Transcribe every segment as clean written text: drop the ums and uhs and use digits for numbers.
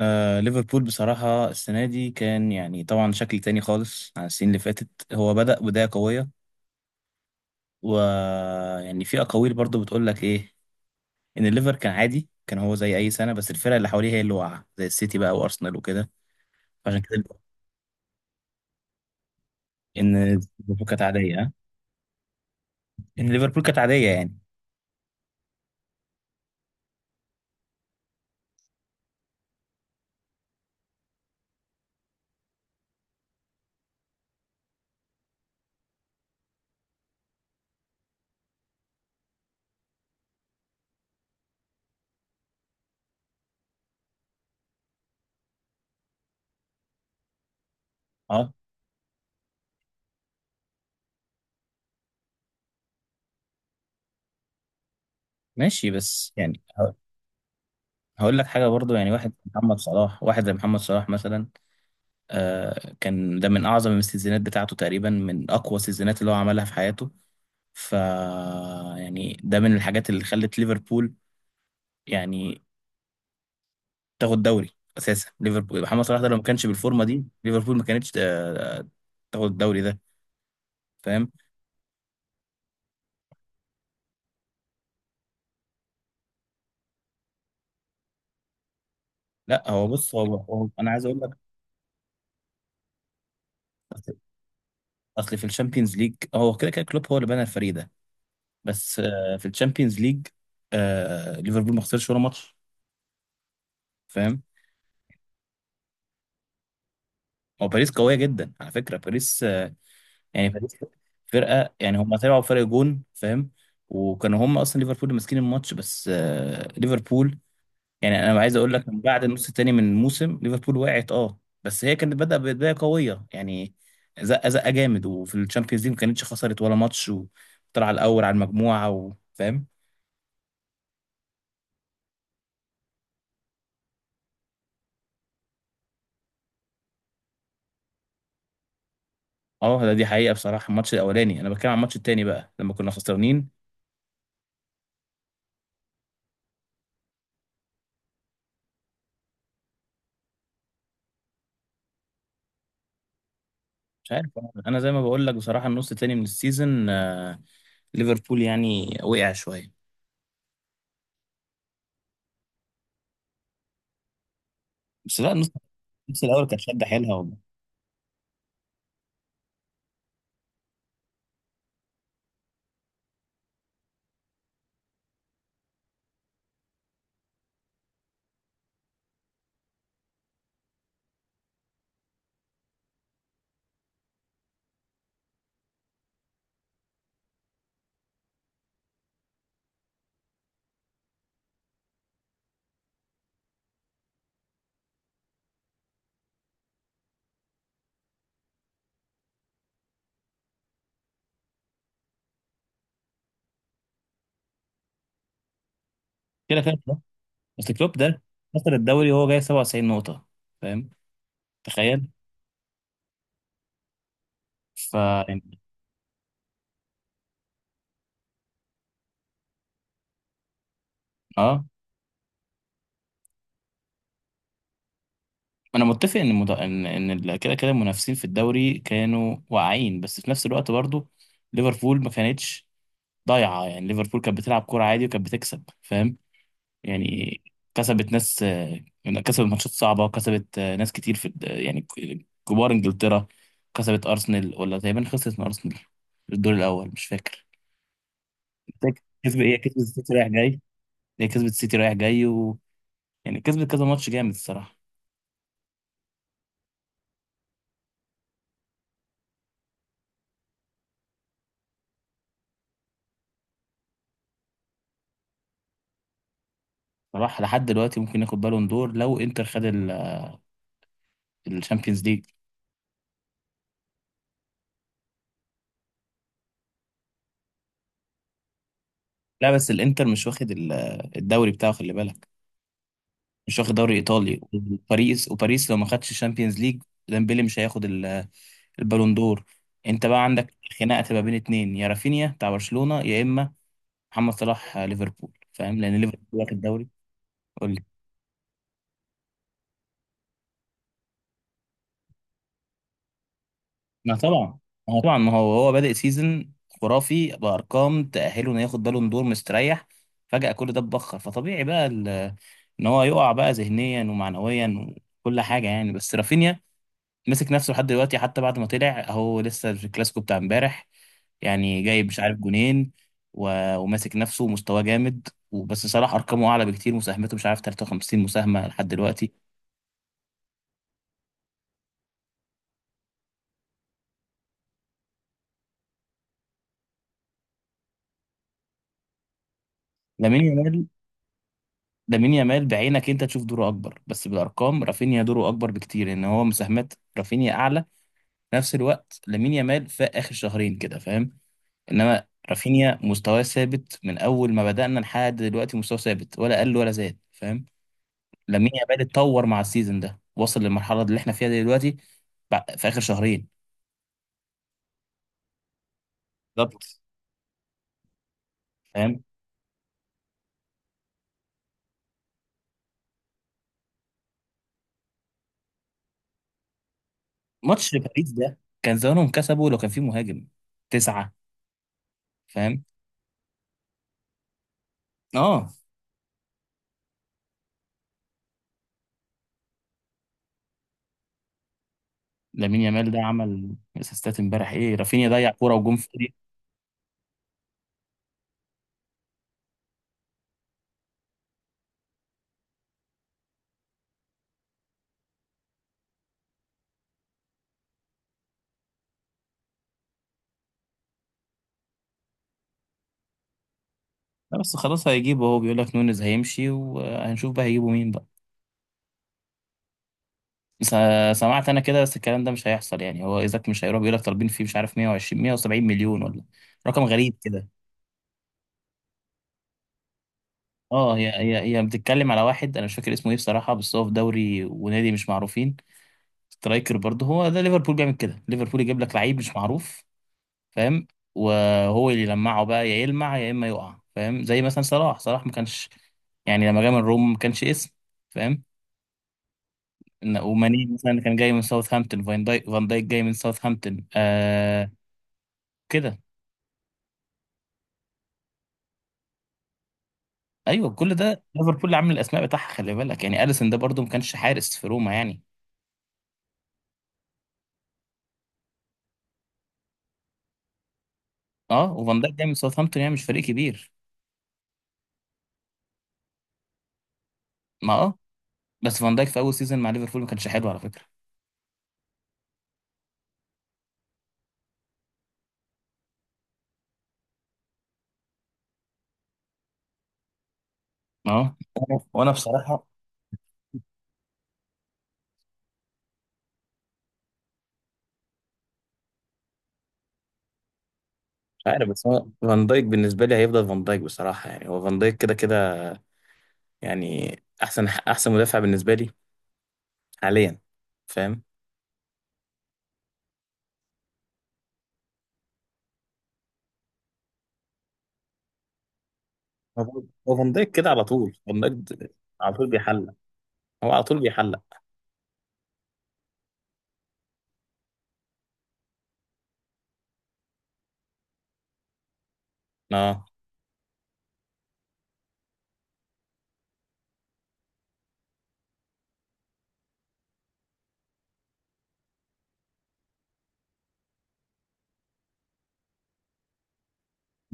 آه، ليفربول بصراحة السنة دي كان يعني طبعا شكل تاني خالص عن السنين اللي فاتت. هو بدأ بداية قوية، ويعني في أقاويل برضو بتقول لك إيه، إن الليفر كان عادي، كان هو زي أي سنة، بس الفرق اللي حواليه هي اللي واقعة، زي السيتي بقى وأرسنال وكده. فعشان كده، إن ليفربول كانت عادية، ها؟ إن ليفربول كانت عادية يعني. أه، ماشي. بس يعني هقول لك حاجة برضو. يعني واحد محمد صلاح، واحد زي محمد صلاح مثلا، آه، كان ده من أعظم السيزونات بتاعته تقريبا، من أقوى السيزونات اللي هو عملها في حياته. ف يعني ده من الحاجات اللي خلت ليفربول يعني تاخد دوري. اساسا ليفربول، محمد صلاح ده لو ما كانش بالفورمه دي ليفربول ما كانتش تاخد الدوري ده. فاهم؟ لا، هو بص، هو انا عايز اقول لك. اصل أصل في الشامبيونز ليج هو كده كده كلوب هو اللي بنى الفريق ده. بس في الشامبيونز ليج ليفربول ما خسرش ولا ماتش. فاهم؟ هو باريس قويه جدا، على فكره باريس، يعني باريس فرقه، يعني هم طلعوا بفرق جون. فاهم؟ وكانوا هم اصلا ليفربول اللي ماسكين الماتش. بس ليفربول، يعني انا عايز اقول لك من بعد النص الثاني من الموسم ليفربول وقعت. اه بس هي كانت بدأ بدايه قويه يعني، زقه زقه جامد، وفي الشامبيونز ليج ما كانتش خسرت ولا ماتش وطلع الاول على المجموعه. وفاهم؟ اه ده دي حقيقه، بصراحه الماتش الاولاني. انا بتكلم عن الماتش الثاني بقى لما كنا خسرانين. مش عارف. انا زي ما بقول لك بصراحه، النص الثاني من السيزون ليفربول يعني وقع شويه. بس لا، نص الاول كانت شد حيلها والله. كده كده كلوب. بس كلوب ده خسر الدوري وهو جاي 97 نقطة. فاهم؟ تخيل. ف يعني. اه انا متفق ان مد... ان ان ال- كده كده المنافسين في الدوري كانوا واعيين، بس في نفس الوقت برضو ليفربول ما كانتش ضايعة. يعني ليفربول كانت بتلعب كورة عادي وكانت بتكسب. فاهم؟ يعني كسبت ناس، كسبت ماتشات صعبة، كسبت ناس كتير في يعني كبار انجلترا. كسبت ارسنال، ولا تقريبا خسرت من ارسنال في الدور الاول، مش فاكر. كسبت، هي كسبت السيتي رايح جاي، يعني كسبت كذا ماتش جامد الصراحة. صلاح لحد دلوقتي ممكن ياخد بالون دور لو انتر خد الشامبيونز ليج. لا بس، الانتر مش واخد الدوري بتاعه، خلي بالك. مش واخد دوري ايطالي، وباريس، وباريس لو ما خدش الشامبيونز ليج ديمبلي مش هياخد البالون دور. انت بقى عندك خناقه تبقى بين اتنين، يا رافينيا بتاع برشلونه يا اما محمد صلاح، ليفربول، فاهم، لان ليفربول واخد دوري. قول لي. ما طبعا، ما هو طبعا، ما هو هو بادئ سيزون خرافي بارقام تاهله انه ياخد بالون دور مستريح، فجاه كل ده اتبخر. فطبيعي بقى ان هو يقع بقى ذهنيا ومعنويا وكل حاجه يعني. بس رافينيا مسك نفسه لحد دلوقتي، حتى بعد ما طلع هو لسه في الكلاسيكو بتاع امبارح، يعني جايب مش عارف جونين و- وماسك نفسه ومستواه جامد. وبس، صلاح ارقامه اعلى بكتير، مساهمته مش عارف 53 مساهمه لحد دلوقتي. لامين يامال لامين يامال بعينك انت تشوف دوره اكبر، بس بالارقام رافينيا دوره اكبر بكتير، ان هو مساهمات رافينيا اعلى. في نفس الوقت لامين يامال في اخر شهرين كده. فاهم؟ انما رافينيا مستواه ثابت من اول ما بدأنا لحد دلوقتي، مستواه ثابت ولا قل ولا زاد. فاهم؟ لامين يامال اتطور مع السيزون ده، وصل للمرحله اللي احنا فيها دلوقتي في اخر شهرين. بالظبط. فاهم؟ ماتش باريس ده كان زمانهم كسبوا لو كان في مهاجم تسعة. فاهم؟ اه. لامين يامال ده عمل اسيستات امبارح ايه؟ رافينيا ضيع كوره وجون فاضي. لا بس خلاص هيجيبه، هو بيقول لك نونيز هيمشي وهنشوف بقى هيجيبوا مين بقى. بس سمعت انا كده، بس الكلام ده مش هيحصل يعني، هو ايزاك مش هيروح، بيقول لك طالبين فيه مش عارف 120 170 مليون، ولا رقم غريب كده. اه، هي بتتكلم على واحد انا مش فاكر اسمه ايه بصراحه، بس هو في دوري ونادي مش معروفين. سترايكر برضه. هو ده ليفربول بيعمل كده، ليفربول يجيب لك لعيب مش معروف. فاهم؟ وهو اللي يلمعه بقى، يا يلمع يا اما يقع. فاهم؟ زي مثلا صلاح ما كانش يعني، لما جه من روم ما كانش اسم. فاهم؟ وماني مثلا كان جاي من ساوثهامبتون. فان دايك جاي من ساوثهامبتون. آه، كده. ايوه، كل ده ليفربول اللي عامل الاسماء بتاعها، خلي بالك، يعني اليسون ده برضه ما كانش حارس في روما يعني. اه. وفان دايك جاي من ساوثهامبتون، يعني مش فريق كبير. ما بس فان دايك في اول سيزون مع ليفربول ما كانش حلو على فكره. ما وانا وأنا بصراحه مش عارف. بس هو فان دايك بالنسبه لي هيفضل فان دايك بصراحه، يعني هو فان دايك كده كده يعني احسن احسن مدافع بالنسبه لي حاليا. فاهم؟ هو هو فان دايك كده على طول. على طول بيحلق. هو على طول بيحلق. اه،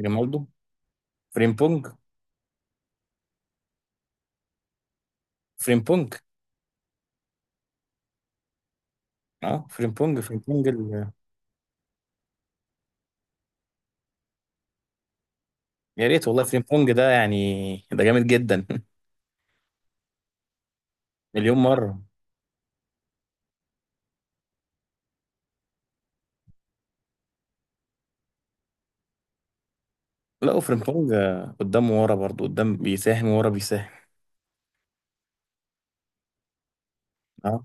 ريمالدو، فريمبونج فريمبونج اه، فريمبونج، يا ريت والله فريمبونج ده، يعني ده جامد جدا مليون مره. لا، وفريمبونج قدام ورا برضو، قدام بيساهم ورا بيساهم. اه.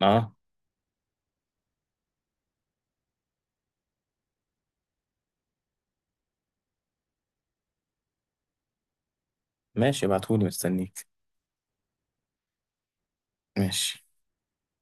اه، ماشي، ابعتهولي مستنيك. ماشي.